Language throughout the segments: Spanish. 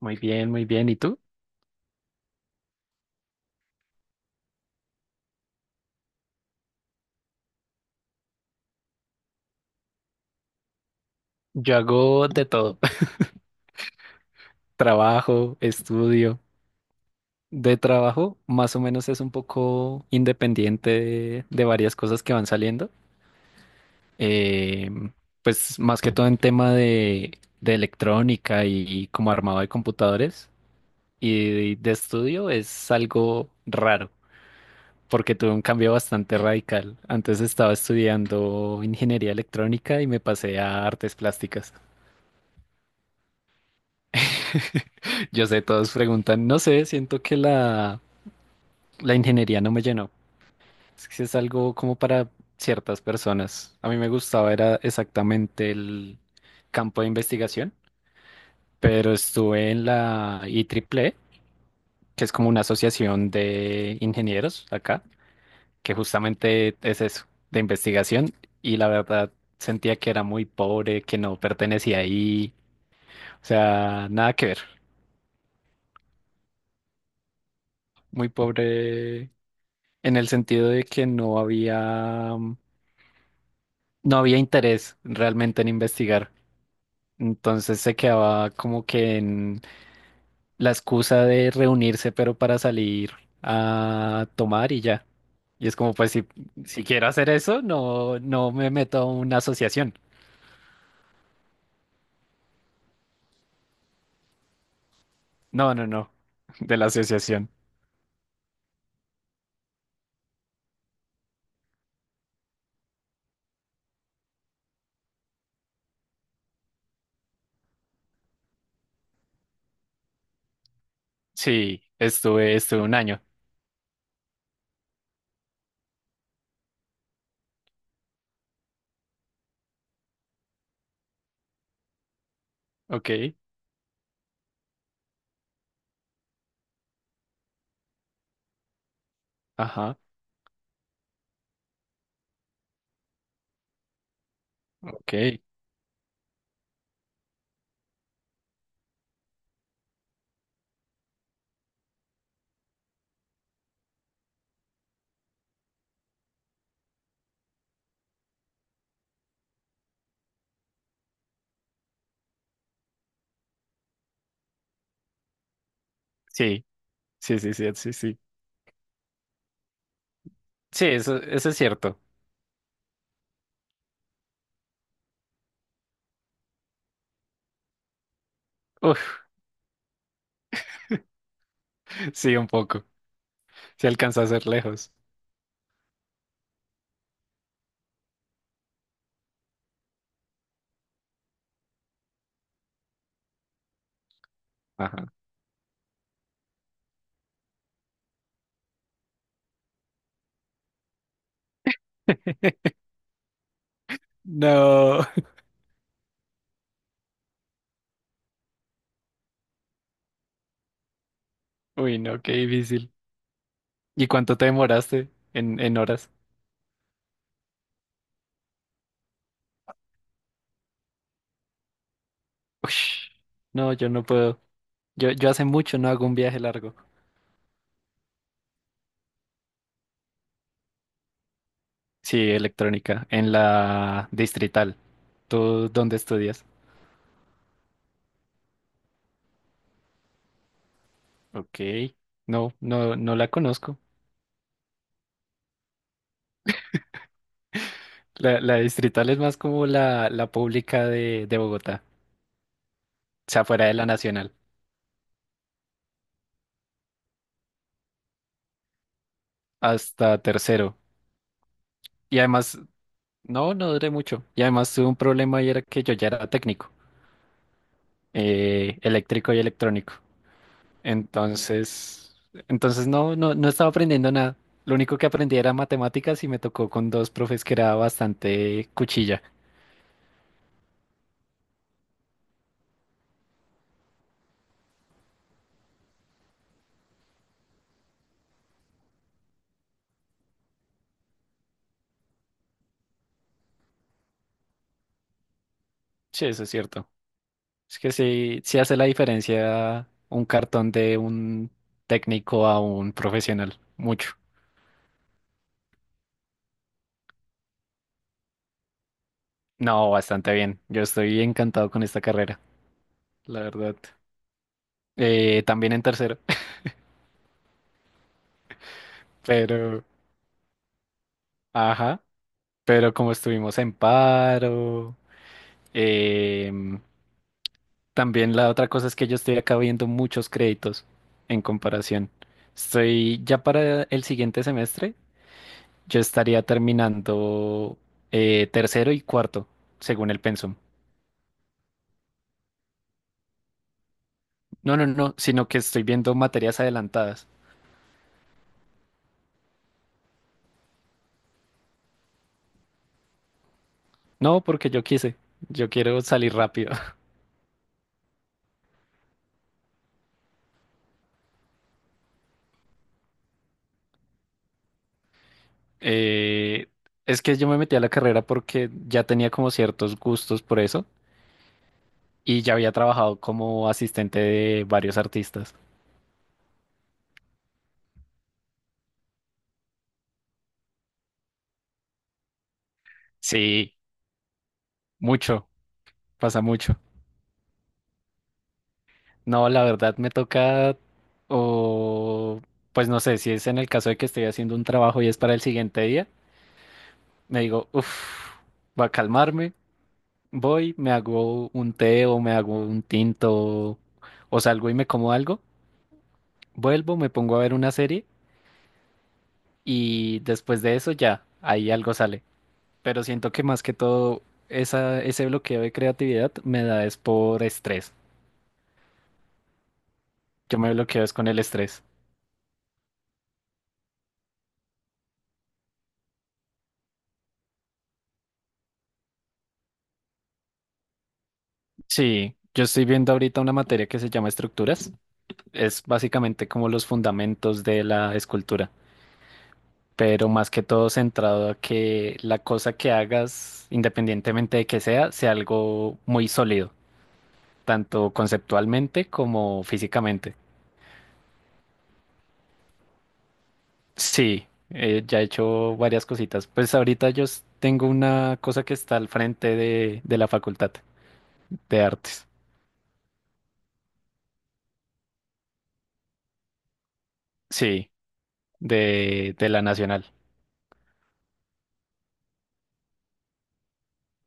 Muy bien, muy bien. ¿Y tú? Yo hago de todo. Trabajo, estudio. De trabajo, más o menos es un poco independiente de varias cosas que van saliendo. Eh, pues más que todo en tema de electrónica y, como armado de computadores. Y de estudio es algo raro, porque tuve un cambio bastante radical. Antes estaba estudiando ingeniería electrónica y me pasé a artes plásticas. Yo sé, todos preguntan, no sé, la ingeniería no me llenó. Es que es algo como para ciertas personas. A mí me gustaba, era exactamente el campo de investigación, pero estuve en la i IEEE, que es como una asociación de ingenieros acá, que justamente es eso, de investigación, y la verdad sentía que era muy pobre, que no pertenecía ahí, o sea, nada que ver, muy pobre en el sentido de que no había interés realmente en investigar. Entonces se quedaba como que en la excusa de reunirse, pero para salir a tomar y ya. Y es como, pues si, si quiero hacer eso, no, no me meto a una asociación. No, no, no. De la asociación. Sí, estuve 1 año. Ok. Ajá. Ok. Sí, sí, sí, sí, sí, sí. Sí, eso es cierto. Uf, sí, un poco. Se alcanza a ser lejos. Ajá. No. Uy, no, qué difícil. ¿Y cuánto te demoraste en horas? Ush, no, yo no puedo. Yo hace mucho no hago un viaje largo. Sí, electrónica, en la Distrital. ¿Tú dónde estudias? Ok, no, no, no la conozco. La Distrital es más como la pública de Bogotá, o sea, fuera de la Nacional, hasta tercero. Y además, no, no duré mucho. Y además tuve un problema y era que yo ya era técnico, eléctrico y electrónico. Entonces, entonces no, no, no estaba aprendiendo nada. Lo único que aprendí era matemáticas y me tocó con dos profes que era bastante cuchilla. Sí, eso es cierto. Es que sí, sí hace la diferencia un cartón de un técnico a un profesional. Mucho. No, bastante bien. Yo estoy encantado con esta carrera, la verdad. También en tercero, pero, ajá, pero como estuvimos en paro, em, también la otra cosa es que yo estoy acá viendo muchos créditos en comparación. Estoy ya para el siguiente semestre, yo estaría terminando tercero y cuarto, según el pensum. No, no, no, sino que estoy viendo materias adelantadas. No, porque yo quise, yo quiero salir rápido. Eh, es que yo me metí a la carrera porque ya tenía como ciertos gustos por eso y ya había trabajado como asistente de varios artistas. Sí, mucho, pasa mucho. No, la verdad me toca, o pues no sé, si es en el caso de que estoy haciendo un trabajo y es para el siguiente día, me digo, uff, va a calmarme, voy, me hago un té o me hago un tinto o salgo y me como algo, vuelvo, me pongo a ver una serie y después de eso ya, ahí algo sale. Pero siento que más que todo ese bloqueo de creatividad me da es por estrés. Yo me bloqueo es con el estrés. Sí, yo estoy viendo ahorita una materia que se llama estructuras. Es básicamente como los fundamentos de la escultura, pero más que todo centrado a que la cosa que hagas, independientemente de que sea, sea algo muy sólido, tanto conceptualmente como físicamente. Sí, ya he hecho varias cositas. Pues ahorita tengo una cosa que está al frente de la Facultad de Artes. Sí, de la Nacional.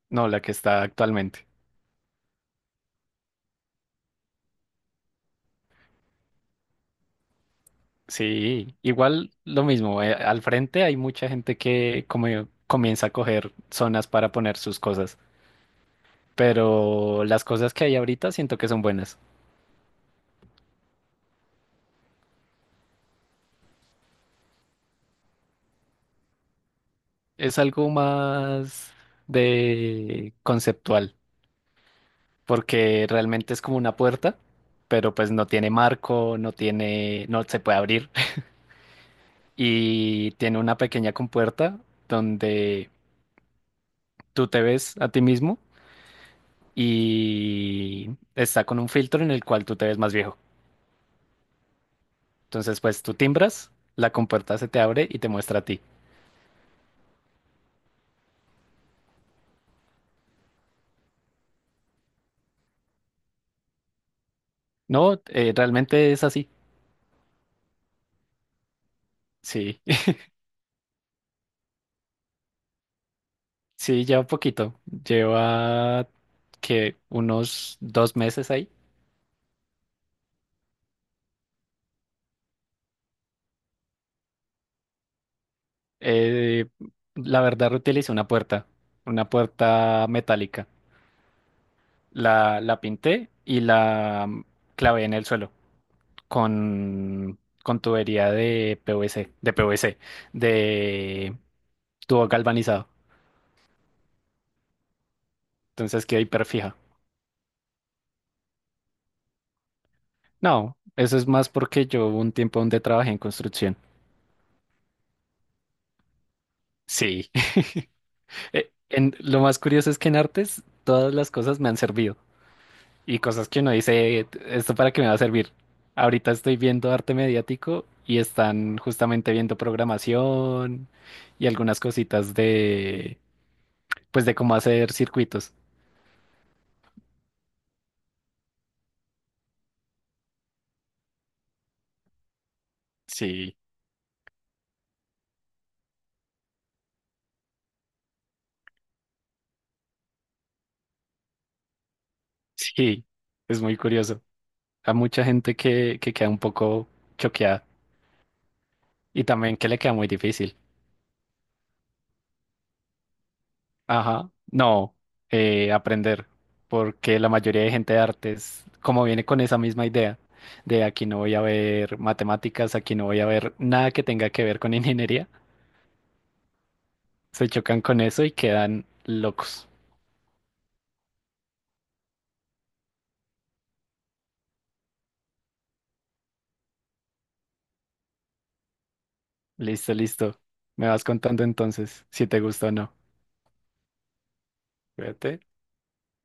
No, la que está actualmente. Sí, igual lo mismo. Al frente hay mucha gente que como comienza a coger zonas para poner sus cosas, pero las cosas que hay ahorita siento que son buenas. Es algo más de conceptual, porque realmente es como una puerta, pero pues no tiene marco, no tiene, no se puede abrir y tiene una pequeña compuerta donde tú te ves a ti mismo y está con un filtro en el cual tú te ves más viejo. Entonces, pues tú timbras, la compuerta se te abre y te muestra a ti. No, realmente es así. Sí, sí, lleva poquito. Lleva que unos 2 meses ahí. Eh, la verdad, reutilicé una puerta metálica. La pinté y la clavé en el suelo con, con tubería de PVC, de PVC, de tubo galvanizado. Entonces quedó hiperfija. No, eso es más porque yo hubo un tiempo donde trabajé en construcción. Sí. Lo más curioso es que en artes todas las cosas me han servido y cosas que uno dice, ¿esto para qué me va a servir? Ahorita estoy viendo arte mediático y están justamente viendo programación y algunas cositas de, pues de cómo hacer circuitos. Sí, sí, es muy curioso. Hay mucha gente que queda un poco choqueada y también que le queda muy difícil. Ajá, no, aprender, porque la mayoría de gente de artes, como viene con esa misma idea, de aquí no voy a ver matemáticas, aquí no voy a ver nada que tenga que ver con ingeniería, se chocan con eso y quedan locos. Listo, listo. Me vas contando entonces si te gusta o no. Cuídate.